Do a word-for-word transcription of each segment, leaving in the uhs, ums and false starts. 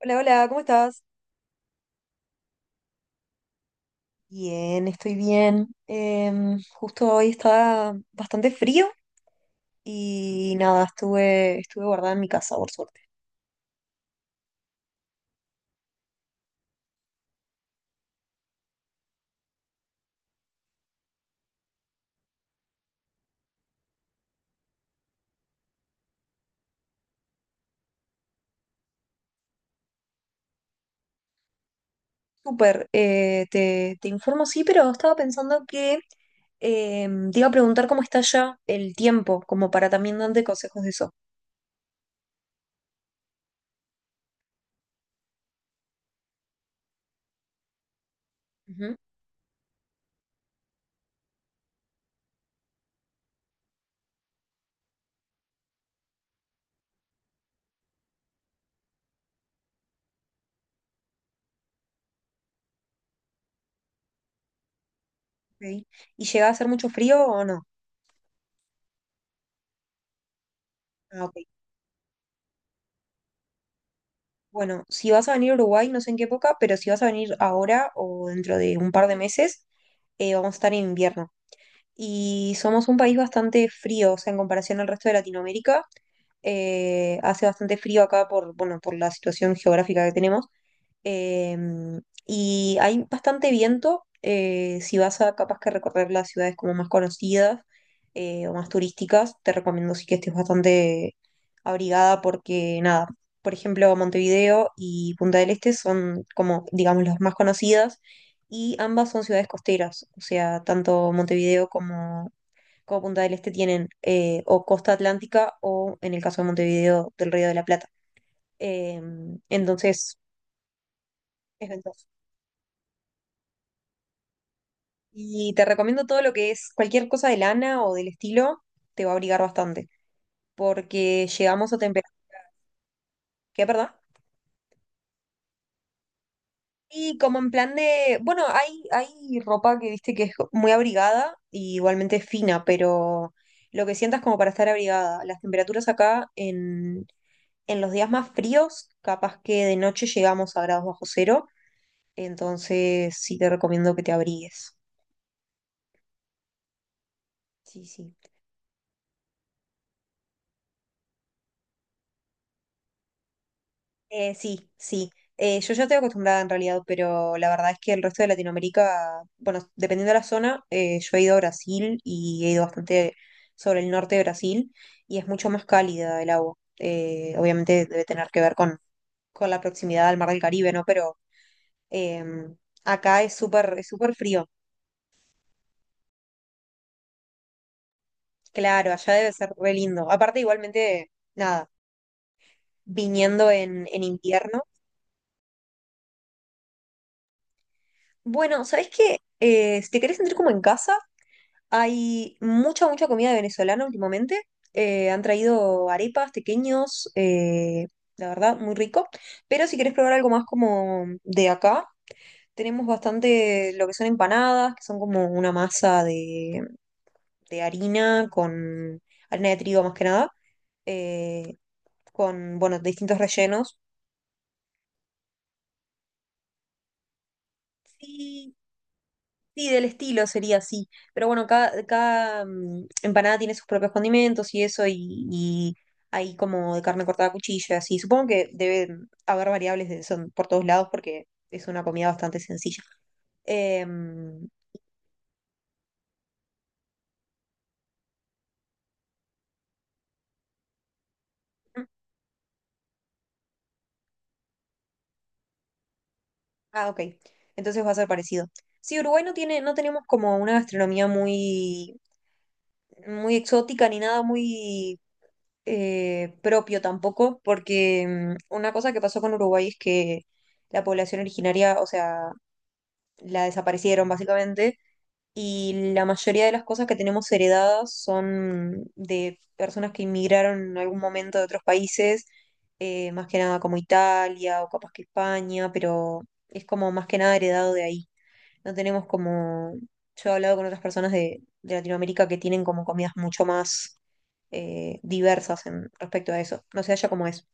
Hola, hola, ¿cómo estás? Bien, estoy bien. Em, justo hoy está bastante frío y nada, estuve, estuve guardada en mi casa, por suerte. Súper, eh, te, te informo, sí, pero estaba pensando que em, te iba a preguntar cómo está ya el tiempo, como para también darte consejos de eso. Ujú, ok. ¿Y llega a hacer mucho frío o no? Ah, ok. Bueno, si vas a venir a Uruguay, no sé en qué época, pero si vas a venir ahora o dentro de un par de meses, eh, vamos a estar en invierno. Y somos un país bastante frío, o sea, en comparación al resto de Latinoamérica. eh, hace bastante frío acá por, bueno, por la situación geográfica que tenemos. Em, y hay bastante viento. eh, si vas a capaz que recorrer las ciudades como más conocidas eh, o más turísticas, te recomiendo sí que estés bastante abrigada porque nada, por ejemplo, Montevideo y Punta del Este son como, digamos, las más conocidas y ambas son ciudades costeras. O sea, tanto Montevideo como, como Punta del Este tienen eh, o costa atlántica o, en el caso de Montevideo, del Río de la Plata. Em, entonces, es ventajoso. Y te recomiendo todo lo que es cualquier cosa de lana o del estilo, te va a abrigar bastante, porque llegamos a temperaturas. ¿Qué, perdón? Y como en plan de, bueno, hay, hay ropa que viste que es muy abrigada y igualmente es fina, pero lo que sientas como para estar abrigada. Las temperaturas acá en, en los días más fríos, capaz que de noche llegamos a grados bajo cero, entonces sí te recomiendo que te abrigues. Sí, sí. Eh, sí, sí. Eh, yo ya estoy acostumbrada en realidad, pero la verdad es que el resto de Latinoamérica, bueno, dependiendo de la zona, eh, yo he ido a Brasil y he ido bastante sobre el norte de Brasil y es mucho más cálida el agua. Eh, obviamente debe tener que ver con, con la proximidad al Mar del Caribe, ¿no? Pero eh, acá es súper, es súper frío. Claro, allá debe ser re lindo. Aparte, igualmente, nada, viniendo en, en invierno. Bueno, ¿sabes qué? Eh, si te querés sentir como en casa, hay mucha, mucha comida venezolana últimamente. Eh, han traído arepas pequeños, eh, la verdad, muy rico. Pero si querés probar algo más como de acá, tenemos bastante lo que son empanadas, que son como una masa de, de harina con harina de trigo más que nada, eh, con, bueno, distintos rellenos. Sí, sí, del estilo sería así. Pero bueno, cada, cada mm, empanada tiene sus propios condimentos y eso, y, y hay como de carne cortada a cuchillo, y así. Supongo que debe mm, haber variables de, son por todos lados porque es una comida bastante sencilla. Em, ah, ok. Entonces va a ser parecido. Sí, Uruguay no tiene, no tenemos como una gastronomía muy, muy exótica ni nada muy eh, propio tampoco, porque mm, una cosa que pasó con Uruguay es que la población originaria, o sea, la desaparecieron básicamente y la mayoría de las cosas que tenemos heredadas son de personas que inmigraron en algún momento de otros países, eh, más que nada como Italia o capaz que España, pero es como más que nada heredado de ahí. No tenemos como, yo he hablado con otras personas de, de Latinoamérica que tienen como comidas mucho más eh, diversas en, respecto a eso. No sé, allá cómo es.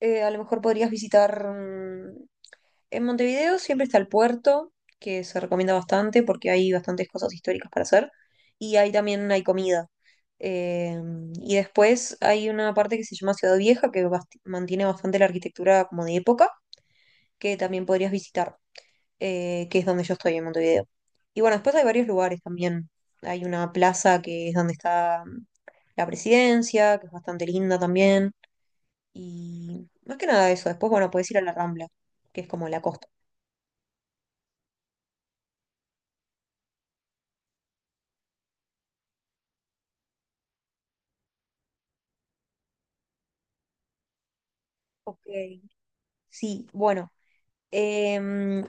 Eh, a lo mejor podrías visitar. mm, En Montevideo siempre está el puerto, que se recomienda bastante porque hay bastantes cosas históricas para hacer. Y ahí también hay comida. Eh, y después hay una parte que se llama Ciudad Vieja, que bast- mantiene bastante la arquitectura como de época, que también podrías visitar, eh, que es donde yo estoy en Montevideo. Y bueno, después hay varios lugares también. Hay una plaza que es donde está mm, la presidencia, que es bastante linda también. Y más que nada eso. Después, bueno, podés ir a la Rambla, que es como la costa. Ok. Sí, bueno, em,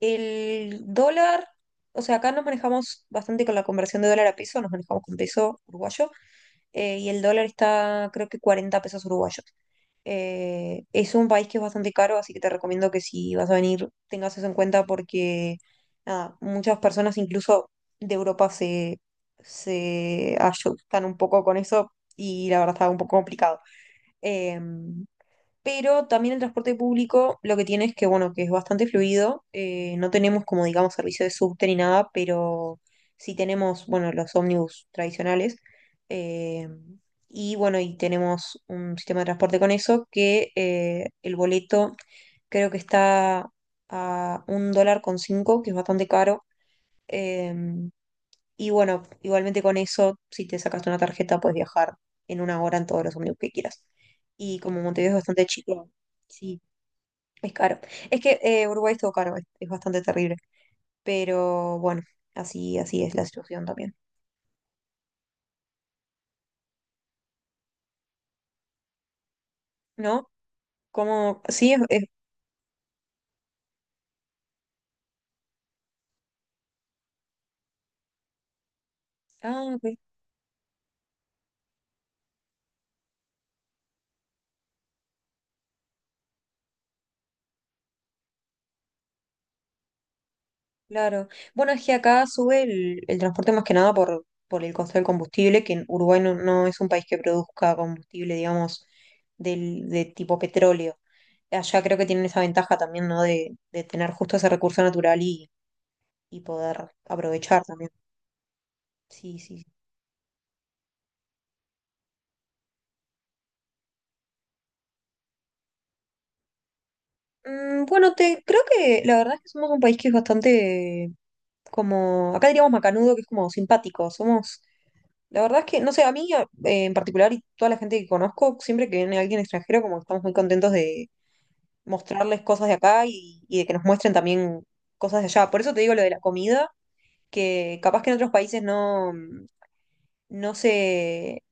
el dólar, o sea, acá nos manejamos bastante con la conversión de dólar a peso, nos manejamos con peso uruguayo, eh, y el dólar está creo que cuarenta pesos uruguayos. Eh, es un país que es bastante caro, así que te recomiendo que si vas a venir tengas eso en cuenta porque nada, muchas personas incluso de Europa se, se asustan un poco con eso y la verdad está un poco complicado. Eh, pero también el transporte público lo que tiene es que, bueno, que es bastante fluido. Eh, no tenemos como, digamos, servicio de subte ni nada, pero sí tenemos, bueno, los ómnibus tradicionales. eh, y bueno, y tenemos un sistema de transporte con eso que eh, el boleto creo que está a un dólar con cinco, que es bastante caro. eh, y bueno, igualmente con eso, si te sacaste una tarjeta, puedes viajar en una hora en todos los ómnibus que quieras. Y como Montevideo es bastante chico, sí, es caro. Es que eh, Uruguay es todo caro, es, es bastante terrible. Pero bueno, así, así es la situación también. ¿No? Como, sí, es, es- Ah, ok, claro. Bueno, es que acá sube el, el transporte más que nada por, por el costo del combustible, que en Uruguay no, no es un país que produzca combustible, digamos, del, de tipo petróleo. Allá creo que tienen esa ventaja también, ¿no? De, de tener justo ese recurso natural y, y poder aprovechar también. Sí, sí. Mm, Bueno, te creo que la verdad es que somos un país que es bastante como, acá diríamos macanudo, que es como simpático. Somos, la verdad es que, no sé, a mí eh, en particular y toda la gente que conozco, siempre que viene alguien extranjero, como que estamos muy contentos de mostrarles cosas de acá y, y de que nos muestren también cosas de allá. Por eso te digo lo de la comida, que capaz que en otros países no, no se,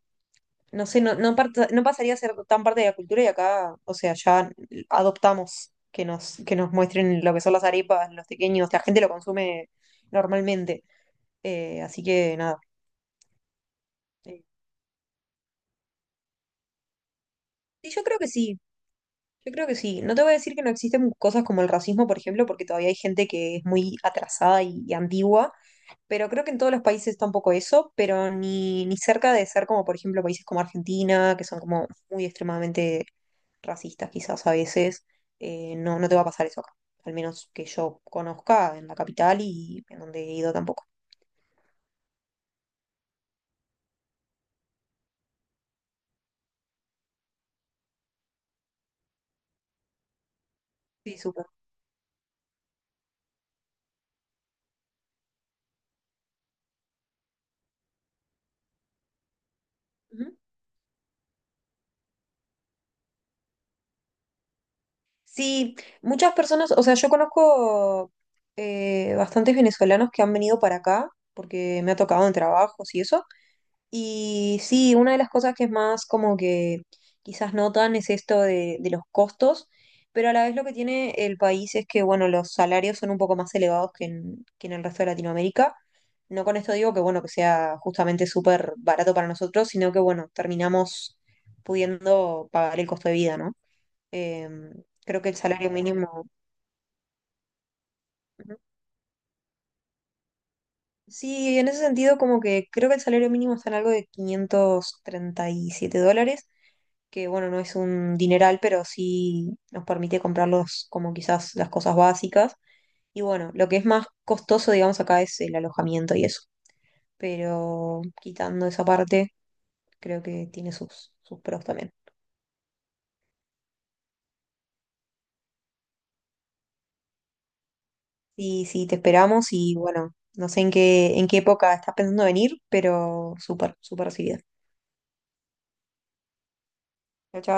no sé, no, no, parta- no pasaría a ser tan parte de la cultura y acá, o sea, ya adoptamos que nos, que nos muestren lo que son las arepas, los pequeños, la gente lo consume normalmente. Eh, así que nada. Eh, Sí, yo creo que sí. Yo creo que sí. No te voy a decir que no existen cosas como el racismo, por ejemplo, porque todavía hay gente que es muy atrasada y, y antigua, pero creo que en todos los países está un poco eso, pero ni, ni cerca de ser como, por ejemplo, países como Argentina, que son como muy extremadamente racistas quizás a veces. Eh, no, no te va a pasar eso acá, al menos que yo conozca en la capital y en donde he ido tampoco. Sí, súper. Sí, muchas personas, o sea, yo conozco eh, bastantes venezolanos que han venido para acá porque me ha tocado en trabajos y eso. Y sí, una de las cosas que es más como que quizás notan es esto de, de los costos, pero a la vez lo que tiene el país es que, bueno, los salarios son un poco más elevados que en, que en el resto de Latinoamérica. No con esto digo que, bueno, que sea justamente súper barato para nosotros, sino que, bueno, terminamos pudiendo pagar el costo de vida, ¿no? Em, Creo que el salario mínimo, Ujú. Sí, en ese sentido como que creo que el salario mínimo está en algo de quinientos treinta y siete dólares, que bueno, no es un dineral, pero sí nos permite comprarlos como quizás las cosas básicas. Y bueno, lo que es más costoso, digamos, acá es el alojamiento y eso. Pero quitando esa parte, creo que tiene sus, sus pros también. Sí, sí, te esperamos y bueno, no sé en qué, en qué época estás pensando venir, pero súper, súper recibida. Chau, chau.